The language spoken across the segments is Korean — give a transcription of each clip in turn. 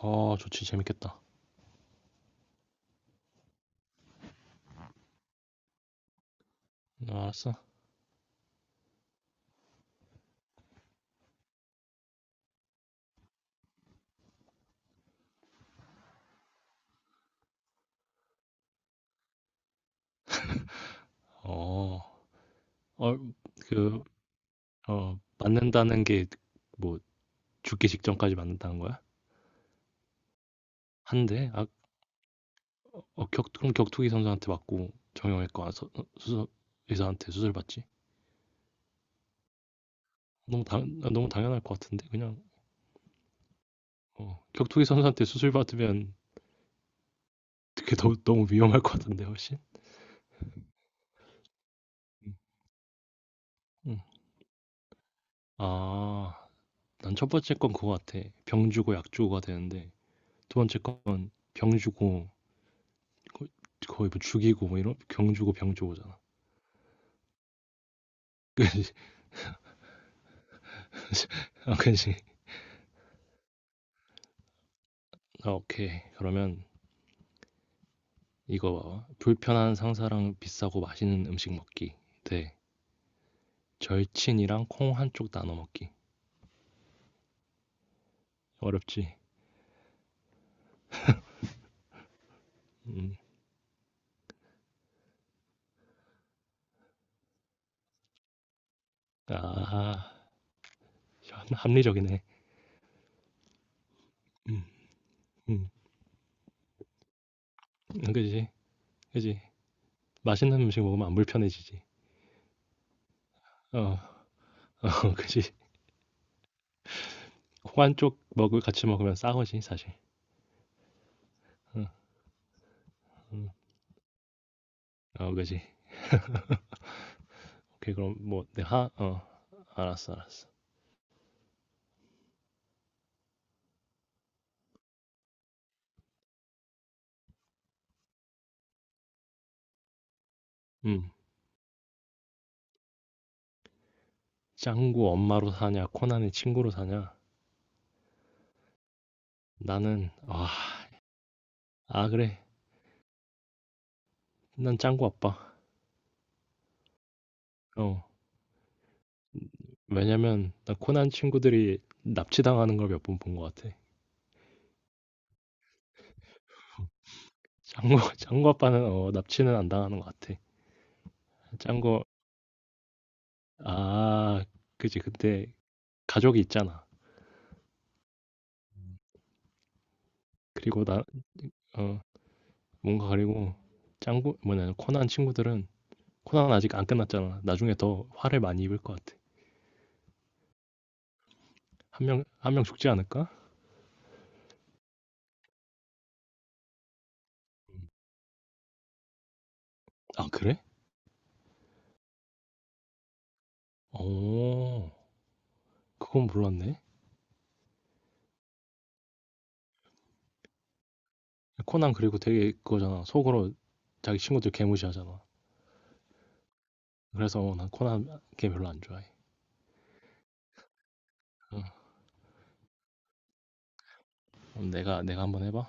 어, 좋지, 재밌겠다. 어, 알았어. 어, 어, 그, 맞는다는 게, 뭐, 죽기 직전까지 맞는다는 거야? 한대? 아, 그럼 격투기 선수한테 맞고, 정형외과 의사한테 수술 받지? 너무 당연할 것 같은데, 그냥. 격투기 선수한테 수술 받으면, 그게 너무 위험할 것 같은데, 훨씬? 응. 응. 아, 난 첫 번째 건 그거 같아. 병 주고 약 주고가 되는데, 두 번째 건 병 주고 거의, 거의 뭐 죽이고 뭐 이런 경 주고 병 주고잖아. 아, 그지. 아, 오케이. 그러면 이거 봐봐. 불편한 상사랑 비싸고 맛있는 음식 먹기 대 절친이랑 콩 한쪽 나눠 먹기. 어렵지. 음. 아, 합리적이네. 음. 음. 그지. 그지. 맛있는 음식 먹으면 안 불편해지지. 어. 어, 그지. 콩 한쪽 먹을 같이 먹으면 싸거지 사실. 어, 음. 어, 그지. 오케이, 그럼 뭐 내가 하- 어 알았어, 알았어. 음. 짱구 엄마로 사냐, 코난의 친구로 사냐? 나는, 아, 그래. 난 짱구 아빠. 어. 왜냐면 나 코난 친구들이 납치당하는 걸 몇 번 본 것 같아. 짱구, 짱구 아빠는, 납치는 안 당하는 것 같아. 짱구, 아, 그지. 근데 가족이 있잖아. 그리고 나, 어, 뭔가 그리고, 코난 친구들은, 코난 아직 안 끝났잖아. 나중에 더 화를 많이 입을 것 같아. 한 명, 한 명 죽지 않을까? 아, 그래? 어, 그건 몰랐네. 코난 그리고 되게 그거잖아. 속으로 자기 친구들 개무시하잖아. 그래서 난 코난 게임 별로 안 좋아해. 어, 그럼 내가 한번 해봐.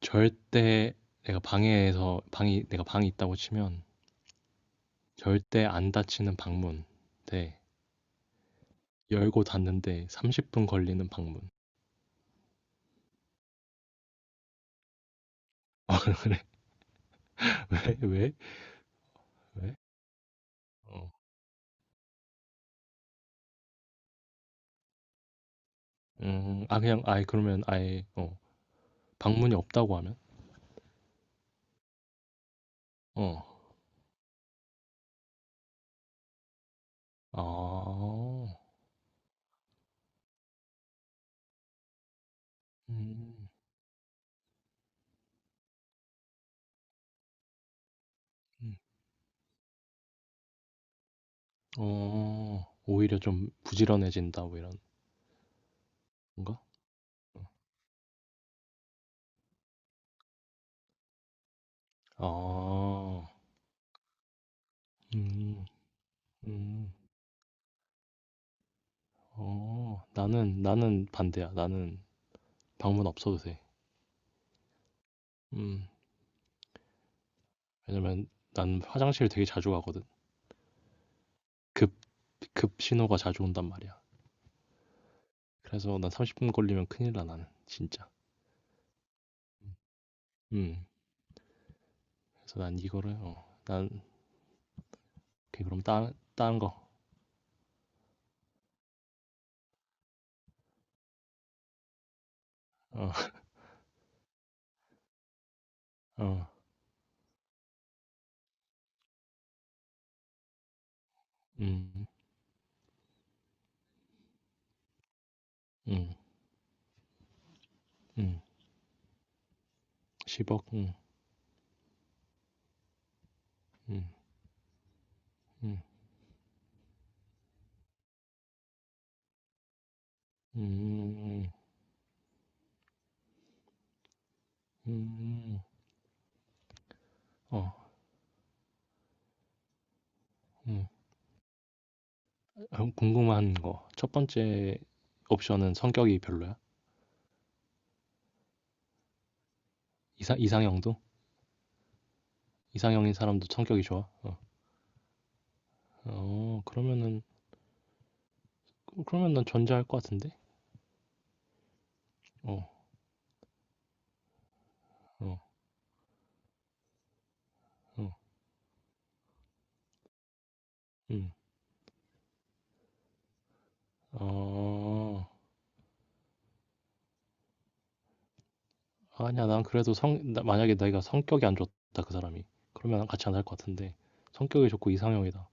절대 내가 방에서 방이 내가 방이 있다고 치면 절대 안 닫히는 방문 대 열고 닫는데 30분 걸리는 방문. 그래, 왜? 왜? 왜? 어. 아, 그냥 아예 그러면 아예 어 방문이 없다고 하면. 어. 아. 음. 음. 어. 오히려 좀 부지런해진다, 뭐 이런 건가? 아. 음. 음. 어. 나는 반대야. 나는 방문 없어도 돼. 음. 왜냐면 난 화장실 되게 자주 가거든. 급, 급 신호가 자주 온단 말이야. 그래서 난 30분 걸리면 큰일 나, 나는. 진짜. 음. 그래서 난 오케이, 그럼 딴 거. 어, 어. 음, 음, 음. 10억. 음, 음, 음, 음, 음, 어, 궁금한 거. 첫 번째 옵션은 성격이 별로야? 이상형도? 이상형인 사람도 성격이 좋아? 어, 어, 그러면은, 그러면 난 전자할 것 같은데? 어, 어, 어, 음. 어, 아니야. 난 그래도 만약에 내가 성격이 안 좋다, 그 사람이. 그러면 같이 안 할 것 같은데. 성격이 좋고 이상형이다.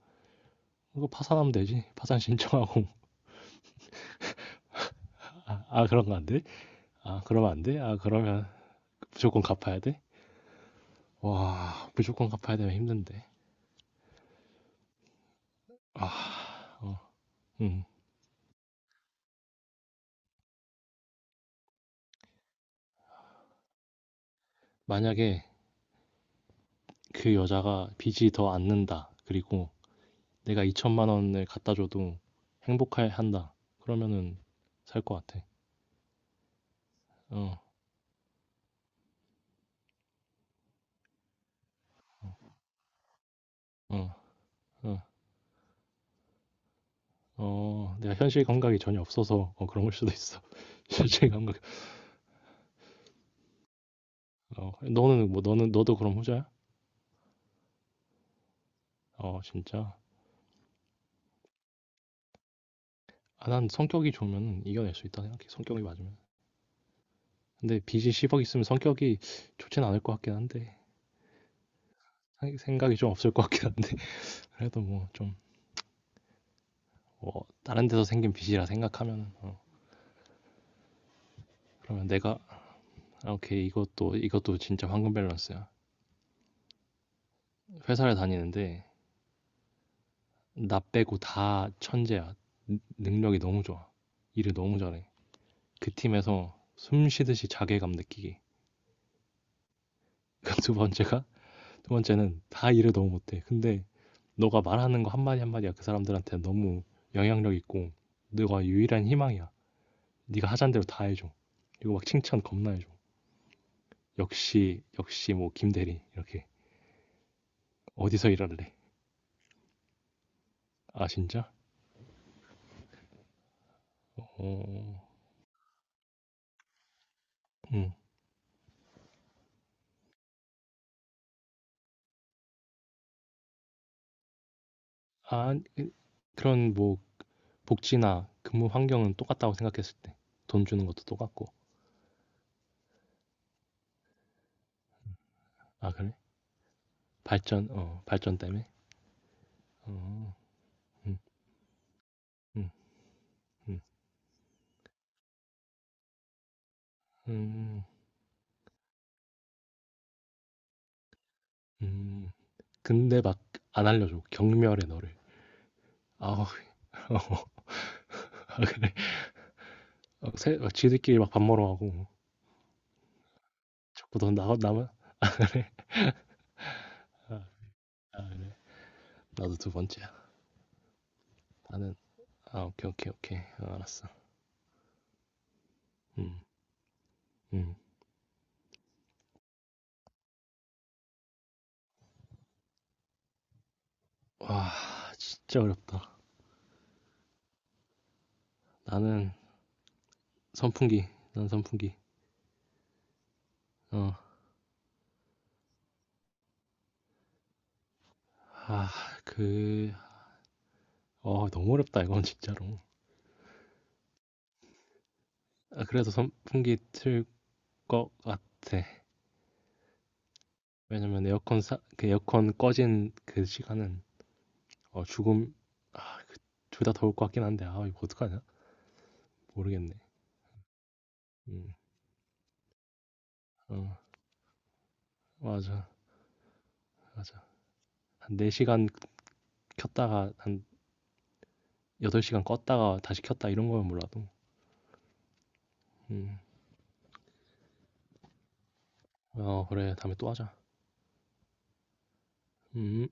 이거 파산하면 되지. 파산 신청하고. 그런 거 안 돼? 아, 그러면 안 돼? 아, 그러면 무조건 갚아야 돼? 와, 무조건 갚아야 되면 힘든데. 음. 만약에 그 여자가 빚이 더 안는다. 그리고 내가 2천만 원을 갖다 줘도 행복해 한다. 그러면은 살 것 같아. 어, 어, 어, 어. 내가 현실 감각이 전혀 없어서 어, 그런 걸 수도 있어. 현실 감각. 어, 너는 뭐 너는 너도 그럼 후자야? 어, 진짜. 아, 난 성격이 좋으면 이겨낼 수 있다 생각해. 성격이 맞으면. 근데 빚이 10억 있으면 성격이 좋진 않을 것 같긴 한데 생각이 좀 없을 것 같긴 한데. 그래도 뭐 좀 뭐 다른 데서 생긴 빚이라 생각하면. 어, 그러면 내가. 아, 오케이. 이것도 이것도 진짜 황금 밸런스야. 회사를 다니는데 나 빼고 다 천재야. 능력이 너무 좋아. 일을 너무 잘해. 그 팀에서 숨 쉬듯이 자괴감 느끼기. 그두 번째가 두 번째는 다 일을 너무 못해. 근데 너가 말하는 거 한마디 한마디가 그 사람들한테 너무 영향력 있고 너가 유일한 희망이야. 네가 하자는 대로 다 해줘. 그리고 막 칭찬 겁나 해줘. 역시 역시 뭐 김대리 이렇게. 어디서 일할래? 아, 진짜? 어, 음. 아, 그런 뭐 복지나 근무 환경은 똑같다고 생각했을 때. 돈 주는 것도 똑같고. 아, 그래? 발전 때문에? 어, 음, 음, 음, 음, 음. 근데 막 안 알려줘. 경멸해, 너를. 아우, 아, 그래. 어, 지들끼리 막 밥 먹으러 가고. 자꾸 너 나만. 아, 그래. 나도 두 번째야. 나는, 오케이, 오케이, 오케이. 어, 알았어. 음, 음. 와, 진짜 어렵다. 나는 선풍기. 난 선풍기. 어. 아 그 너무 어렵다, 이건 진짜로. 아, 그래도 선풍기 틀 것 같아. 왜냐면 에어컨 꺼진 그 시간은 어 죽음. 아, 둘 다 더울 것 같긴 한데. 아, 이거 어떡하냐? 모르겠네. 음. 어, 맞아. 맞아. 한 4시간 시간 켰다가 한 8시간 시간 껐다가 다시 켰다, 이런 거면 몰라도. 음. 어, 그래, 다음에 또 하자. 음.